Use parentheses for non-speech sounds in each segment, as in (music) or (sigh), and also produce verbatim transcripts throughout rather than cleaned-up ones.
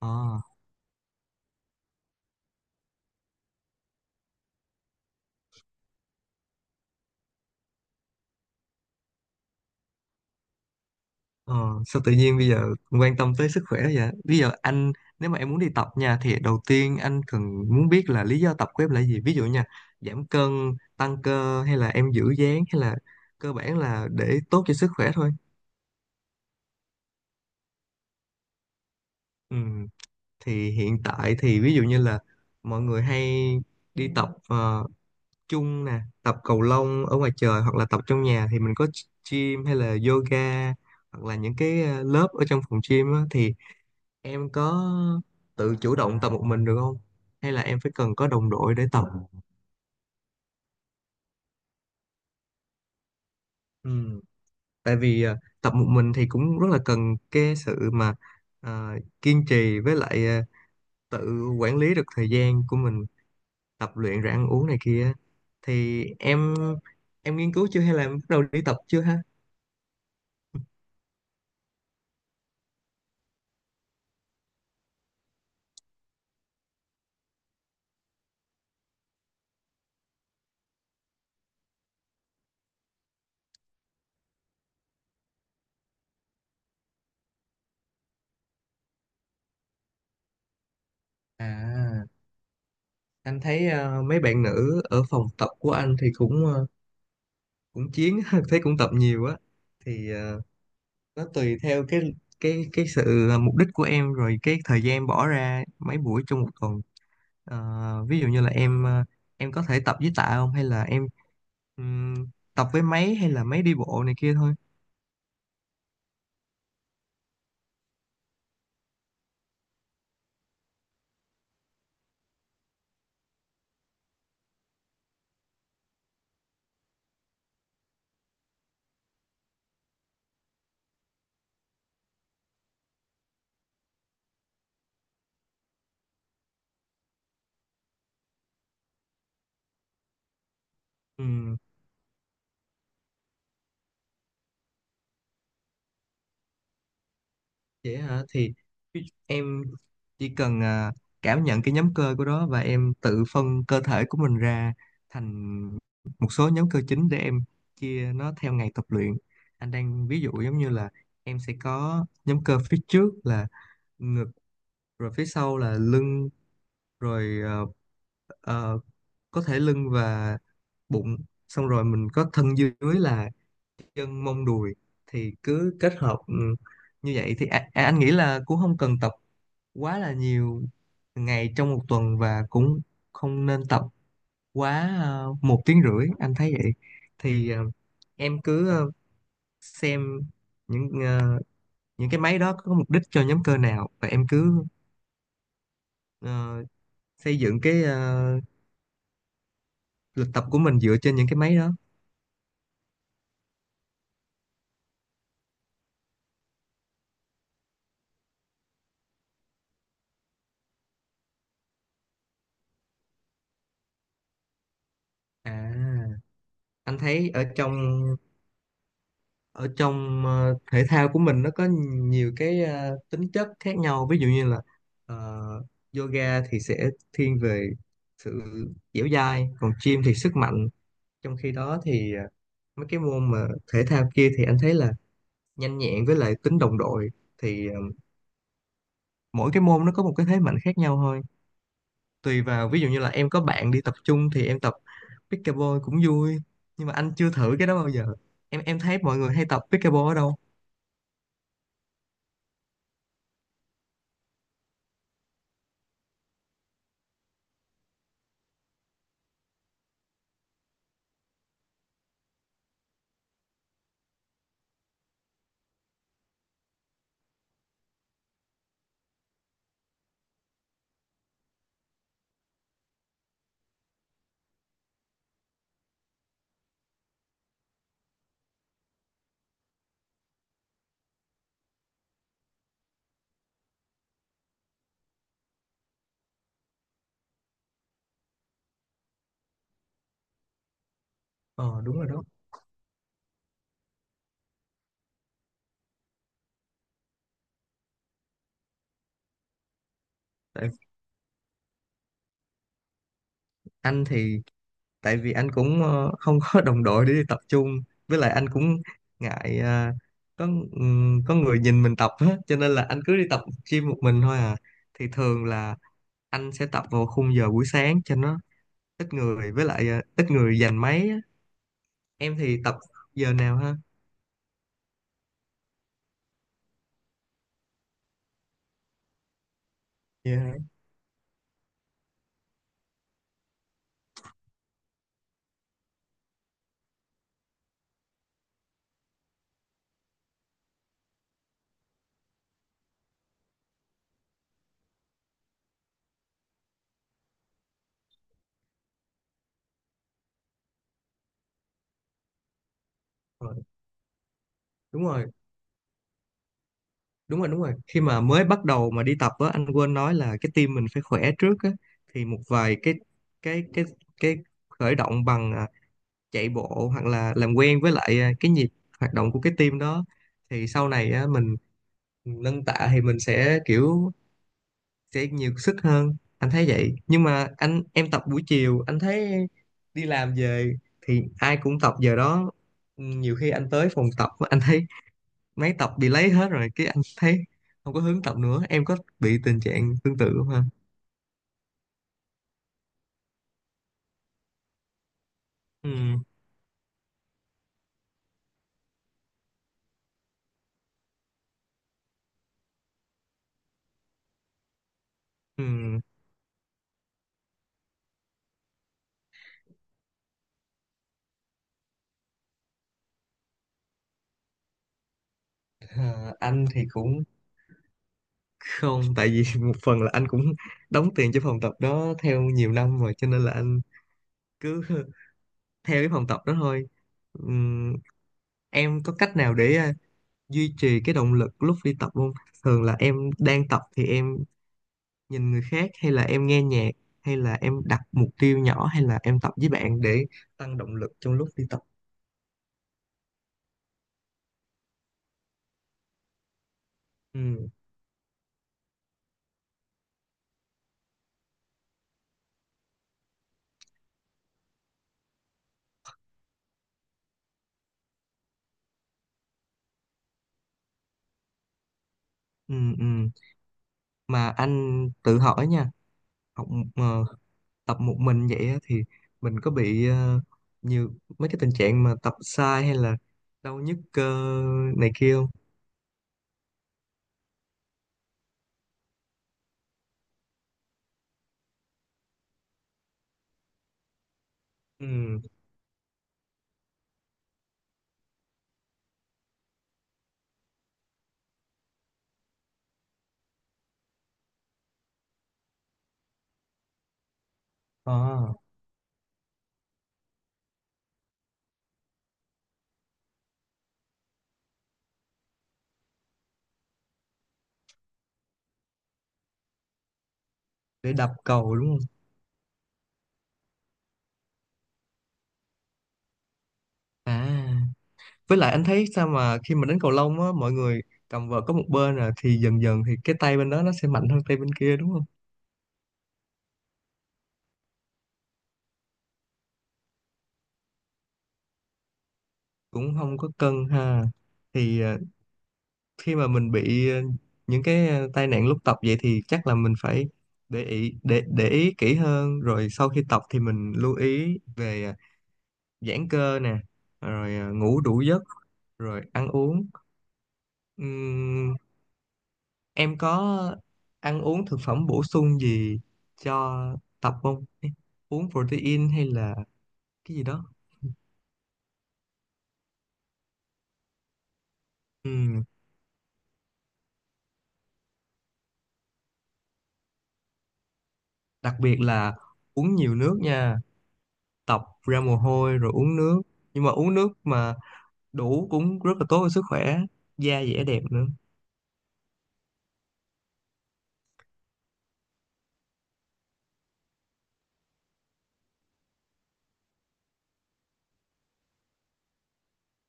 Ờ, ờ, Sao tự nhiên bây giờ quan tâm tới sức khỏe vậy? Bây giờ anh nếu mà em muốn đi tập nha thì đầu tiên anh cần muốn biết là lý do tập của em là gì? Ví dụ nha, giảm cân, tăng cơ hay là em giữ dáng hay là cơ bản là để tốt cho sức khỏe thôi. Ừ, thì hiện tại thì ví dụ như là mọi người hay đi tập ờ, chung nè, tập cầu lông ở ngoài trời hoặc là tập trong nhà thì mình có gym hay là yoga hoặc là những cái ờ, lớp ở trong phòng gym á, thì em có tự chủ động tập một mình được không hay là em phải cần có đồng đội để tập. Ừ. Tại vì à, tập một mình thì cũng rất là cần cái sự mà à, kiên trì với lại à, tự quản lý được thời gian của mình tập luyện rồi ăn uống này kia thì em em nghiên cứu chưa hay là em bắt đầu đi tập chưa ha. À, anh thấy à, mấy bạn nữ ở phòng tập của anh thì cũng à, cũng chiến (laughs) thấy cũng tập nhiều á, thì à, nó tùy theo cái cái cái sự à, mục đích của em rồi cái thời gian em bỏ ra mấy buổi trong một tuần. Ờ, ví dụ như là em ờ, em có thể tập với tạ không hay là em ừm, tập với máy hay là máy đi bộ này kia thôi. Ừm, Vậy hả, thì em chỉ cần à, cảm nhận cái nhóm cơ của đó và em tự phân cơ thể của mình ra thành một số nhóm cơ chính để em chia nó theo ngày tập luyện. Anh đang ví dụ giống như là em sẽ có nhóm cơ phía trước là ngực, rồi phía sau là lưng, rồi ờ, ờ, có thể lưng và bụng, xong rồi mình có thân dưới là chân mông đùi thì cứ kết hợp. Ừ, như vậy thì a- a- anh nghĩ là cũng không cần tập quá là nhiều ngày trong một tuần, và cũng không nên tập quá ờ, một tiếng rưỡi, anh thấy vậy. Thì ờ, em cứ ờ, xem những ờ, những cái máy đó có mục đích cho nhóm cơ nào và em cứ ờ, xây dựng cái ờ, lịch tập của mình dựa trên những cái máy đó. À, anh thấy ở trong ở trong ờ, thể thao của mình nó có nhiều cái ờ, tính chất khác nhau, ví dụ như là ờ, yoga thì sẽ thiên về sự dẻo dai, còn gym thì sức mạnh, trong khi đó thì ờ, mấy cái môn mà thể thao kia thì anh thấy là nhanh nhẹn với lại tính đồng đội. Thì ờ, mỗi cái môn nó có một cái thế mạnh khác nhau thôi, tùy vào ví dụ như là em có bạn đi tập chung thì em tập pickleball cũng vui, nhưng mà anh chưa thử cái đó bao giờ. Em em thấy mọi người hay tập pickleball ở đâu? ờ Đúng rồi đó. Tại anh thì tại vì anh cũng ờ, không có đồng đội để đi tập chung, với lại anh cũng ngại ờ, có ừm, có người nhìn mình tập hết, cho nên là anh cứ đi tập gym một mình thôi à, thì thường là anh sẽ tập vào khung giờ buổi sáng cho nó ít người, với lại ờ, ít người giành máy á. Em thì tập giờ nào ha? Dạ. Ờ, Đúng rồi, đúng rồi, đúng rồi, khi mà mới bắt đầu mà đi tập á anh quên nói là cái tim mình phải khỏe trước á, thì một vài cái cái cái cái khởi động bằng à, chạy bộ hoặc là làm quen với lại à, cái nhịp hoạt động của cái tim đó, thì sau này á mình nâng tạ thì mình sẽ kiểu sẽ nhiều sức hơn, anh thấy vậy. Nhưng mà anh em tập buổi chiều anh thấy đi làm về thì ai cũng tập giờ đó, nhiều khi anh tới phòng tập anh thấy mấy tập bị lấy hết rồi cái anh thấy không có hứng tập nữa, em có bị tình trạng tương tự không ha? Ừ, ừ. Ờ, anh thì cũng không, tại vì (laughs) một phần là anh cũng đóng tiền cho phòng tập đó theo nhiều năm rồi cho nên là anh cứ (laughs) theo cái phòng tập đó thôi. Ừm, em có cách nào để à, duy trì cái động lực lúc đi tập không? Thường là em đang tập thì em nhìn người khác, hay là em nghe nhạc, hay là em đặt mục tiêu nhỏ, hay là em tập với bạn để tăng động lực trong lúc đi tập? Ừ. Ừ, ừ. Mà anh tự hỏi nha, học ờ, tập một mình vậy á, thì mình có bị ờ, nhiều mấy cái tình trạng mà tập sai hay là đau nhức cơ này kia không? Ừ. À, để đập cầu đúng không? À, với lại anh thấy sao mà khi mà đánh cầu lông á, mọi người cầm vợt có một bên à thì dần dần thì cái tay bên đó nó sẽ mạnh hơn tay bên kia đúng không? Cũng không có cân ha. Thì ờ, khi mà mình bị ờ, những cái ờ, tai nạn lúc tập vậy thì chắc là mình phải để ý, để để ý kỹ hơn, rồi sau khi tập thì mình lưu ý về ờ, giãn cơ nè, rồi ờ, ngủ đủ giấc, rồi ăn uống. Ừm, em có ăn uống thực phẩm bổ sung gì cho tập không? Ê, uống protein hay là cái gì đó. Ừm, Đặc biệt là uống nhiều nước nha, tập ra mồ hôi rồi uống nước, nhưng mà uống nước mà đủ cũng rất là tốt cho sức khỏe, da dẻ đẹp nữa.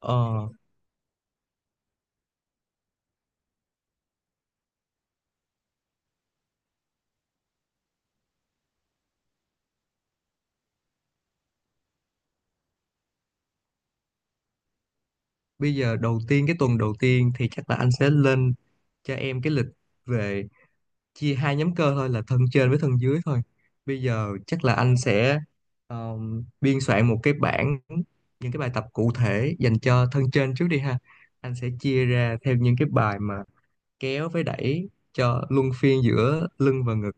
ờ Bây giờ đầu tiên cái tuần đầu tiên thì chắc là anh sẽ lên cho em cái lịch về chia hai nhóm cơ thôi, là thân trên với thân dưới thôi. Bây giờ chắc là anh sẽ um, biên soạn một cái bảng những cái bài tập cụ thể dành cho thân trên trước đi ha, anh sẽ chia ra theo những cái bài mà kéo với đẩy cho luân phiên giữa lưng và ngực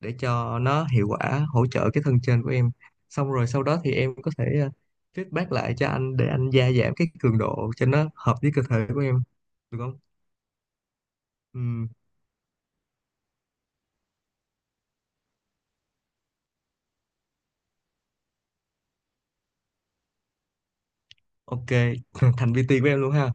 để cho nó hiệu quả hỗ trợ cái thân trên của em, xong rồi sau đó thì em có thể ờ, feedback lại cho anh để anh gia giảm cái cường độ cho nó hợp với cơ thể của em, được không? Ừm, ok, (laughs) thành vê tê của em luôn ha.